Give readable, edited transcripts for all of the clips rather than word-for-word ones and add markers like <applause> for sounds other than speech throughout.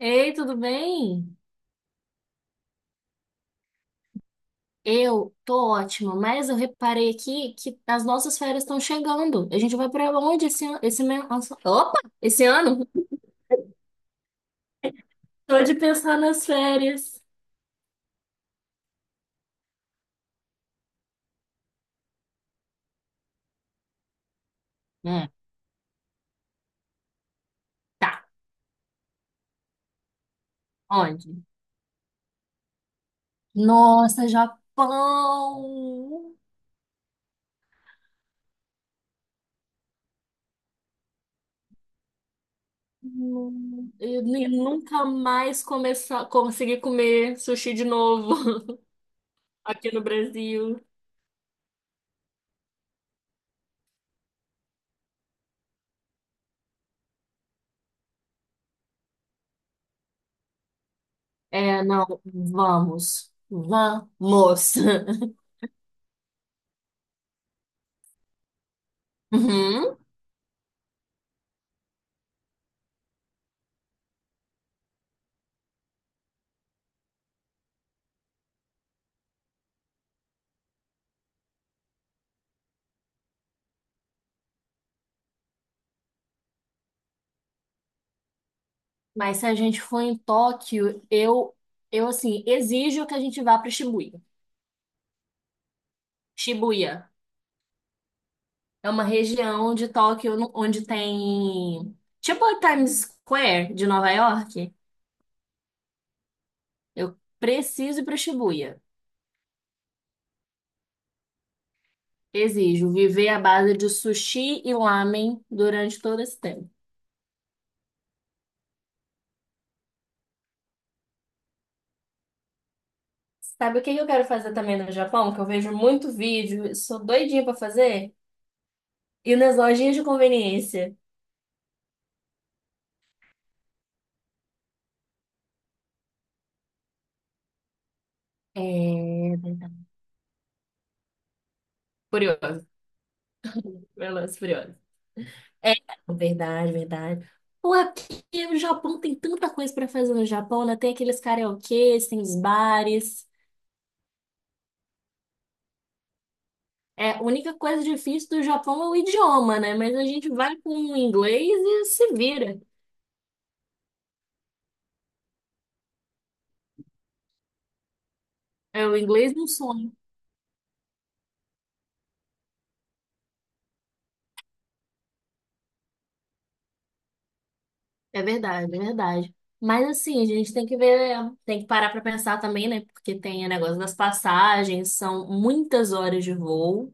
Ei, tudo bem? Eu tô ótima, mas eu reparei aqui que as nossas férias estão chegando. A gente vai pra onde esse ano? Opa! Esse ano? Tô de pensar nas férias. Hum, tá. Onde? Nossa, Japão! Eu nem- nunca mais começar, conseguir comer sushi de novo <laughs> aqui no Brasil. É, não, vamos. Vamos! <laughs> Uhum. Mas se a gente for em Tóquio, eu assim, exijo que a gente vá para Shibuya. Shibuya é uma região de Tóquio onde tem tipo a Times Square de Nova York. Eu preciso ir para Shibuya. Exijo viver à base de sushi e lamen durante todo esse tempo. Sabe o que eu quero fazer também no Japão? Que eu vejo muito vídeo, eu sou doidinha para fazer? Ir nas lojinhas de conveniência. É... Curioso, curioso, curioso. É, verdade, verdade. Pô, é porque o Japão tem tanta coisa pra fazer no Japão, né? Tem aqueles karaokês, tem os bares. É, a única coisa difícil do Japão é o idioma, né? Mas a gente vai com o inglês e se vira. É, o inglês é um sonho. É verdade, é verdade. Mas assim, a gente tem que ver, tem que parar pra pensar também, né? Porque tem o negócio das passagens, são muitas horas de voo,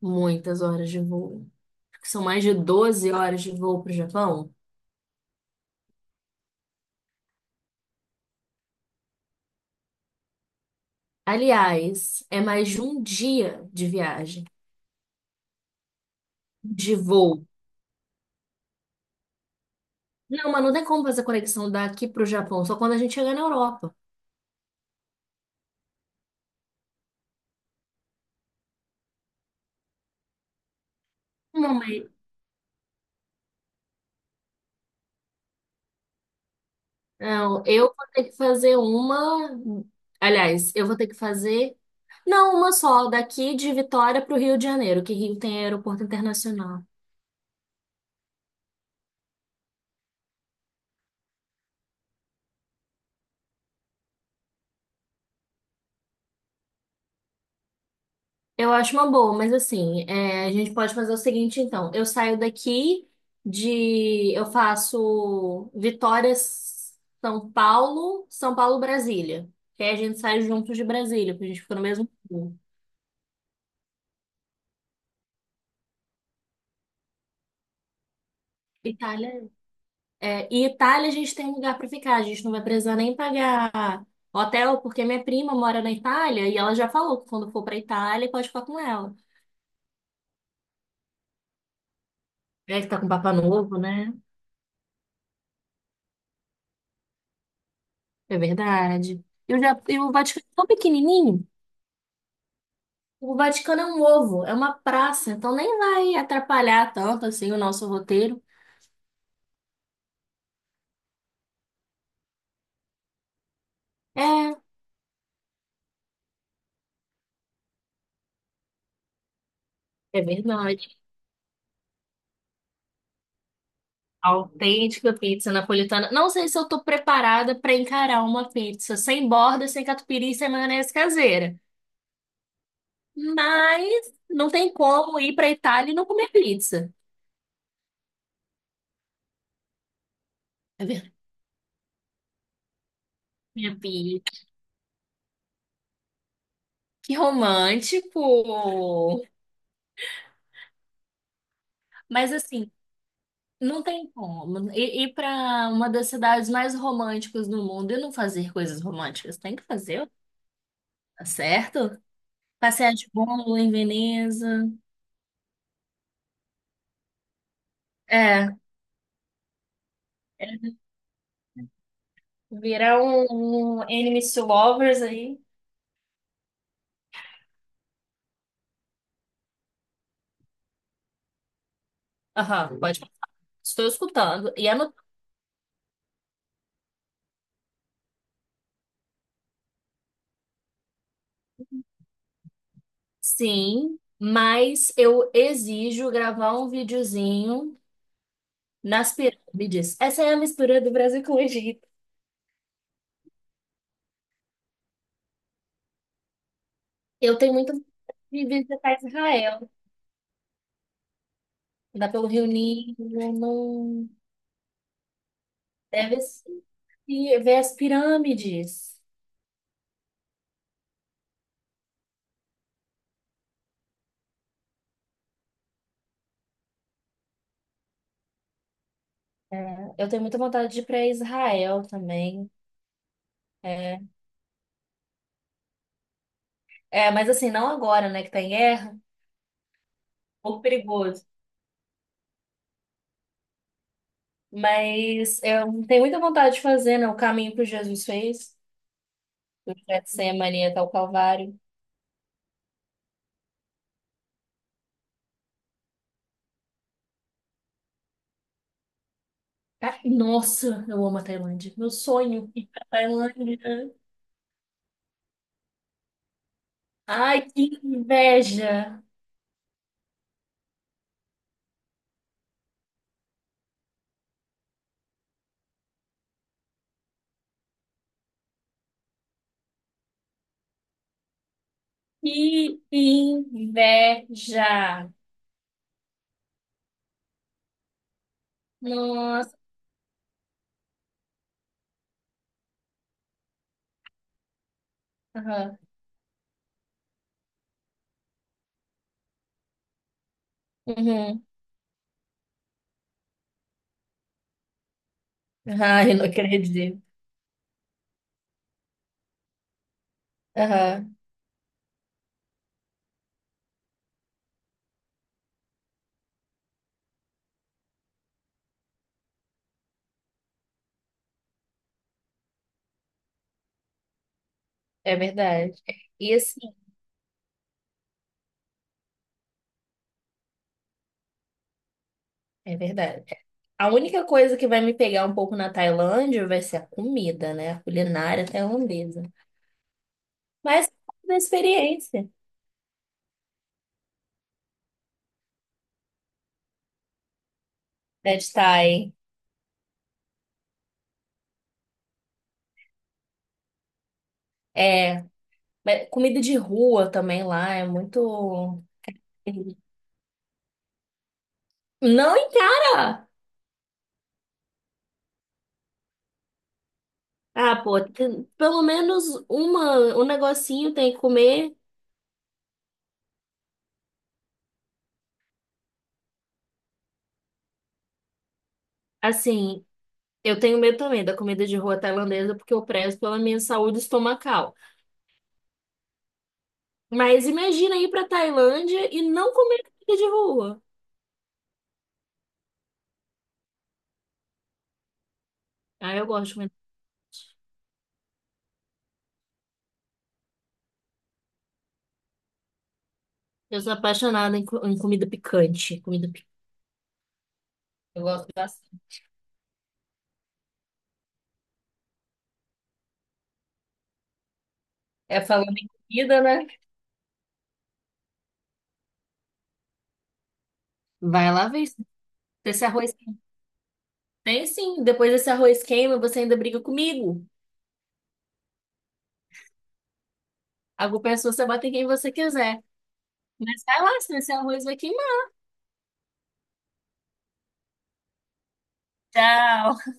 muitas horas de voo. Acho que são mais de 12 horas de voo pro Japão. Aliás, é mais de um dia de viagem, de voo. Não, mas não tem como fazer conexão daqui para o Japão, só quando a gente chegar na Europa. Não, mas não, eu vou ter que fazer uma. Aliás, eu vou ter que fazer. Não, uma só, daqui de Vitória para o Rio de Janeiro, que Rio tem aeroporto internacional. Eu acho uma boa, mas assim, é, a gente pode fazer o seguinte, então. Eu saio daqui de. Eu faço Vitória, São Paulo, São Paulo, Brasília. Que aí a gente sai juntos de Brasília, porque a gente fica no mesmo voo. Itália. É, e Itália a gente tem lugar para ficar, a gente não vai precisar nem pagar hotel, porque minha prima mora na Itália e ela já falou que quando for para Itália pode ficar com ela. É que tá com Papa Novo, né? É verdade. E e o Vaticano é tão pequenininho. O Vaticano é um ovo, é uma praça, então nem vai atrapalhar tanto assim o nosso roteiro. É, é verdade. Autêntica pizza napolitana. Não sei se eu tô preparada para encarar uma pizza sem borda, sem catupiry, sem maionese caseira. Mas não tem como ir para Itália e não comer pizza. É verdade. Minha pizza. Que romântico. Mas assim, não tem como. Ir para uma das cidades mais românticas do mundo e não fazer coisas românticas. Tem que fazer, tá certo? Passear de bolo em Veneza. É. Virar um enemies to lovers aí. Aham, pode. Estou escutando. E ano Sim, mas eu exijo gravar um videozinho nas pirâmides. Essa é a mistura do Brasil com o Egito. Eu tenho muito vontade de visitar Israel. Dá pelo Rio Nilo, não... deve ser- e ver as pirâmides. É, eu tenho muita vontade de ir para Israel também. É, é, mas assim, não agora, né, que tá em guerra, um pouco perigoso. Mas eu tenho muita vontade de fazer, né, o caminho que o Jesus fez, do Getsemane até o Calvário. Ah, nossa, eu amo a Tailândia. Meu sonho é ir pra Tailândia. Ai, que inveja! Que inveja! Nossa! Aham. Uhum. Ai, <laughs> não acredito. Aham, é verdade. E é verdade. A única coisa que vai me pegar um pouco na Tailândia vai ser a comida, né? A culinária tailandesa. Mas da experiência da Thai. É, mas comida de rua também lá é muito. Não encara! Ah, pô, pelo menos um negocinho tem que comer. Assim, eu tenho medo também da comida de rua tailandesa porque eu prezo pela minha saúde estomacal. Mas imagina ir pra Tailândia e não comer comida de rua. Ah, eu gosto muito. Eu sou apaixonada em comida picante. Comida picante. Eu gosto bastante. É falando em comida, né? Vai lá ver se esse arroz tem sim. Depois desse arroz queima, você ainda briga comigo. A culpa é sua, você bate em quem você quiser. Mas vai lá, senão esse arroz vai queimar. Tchau.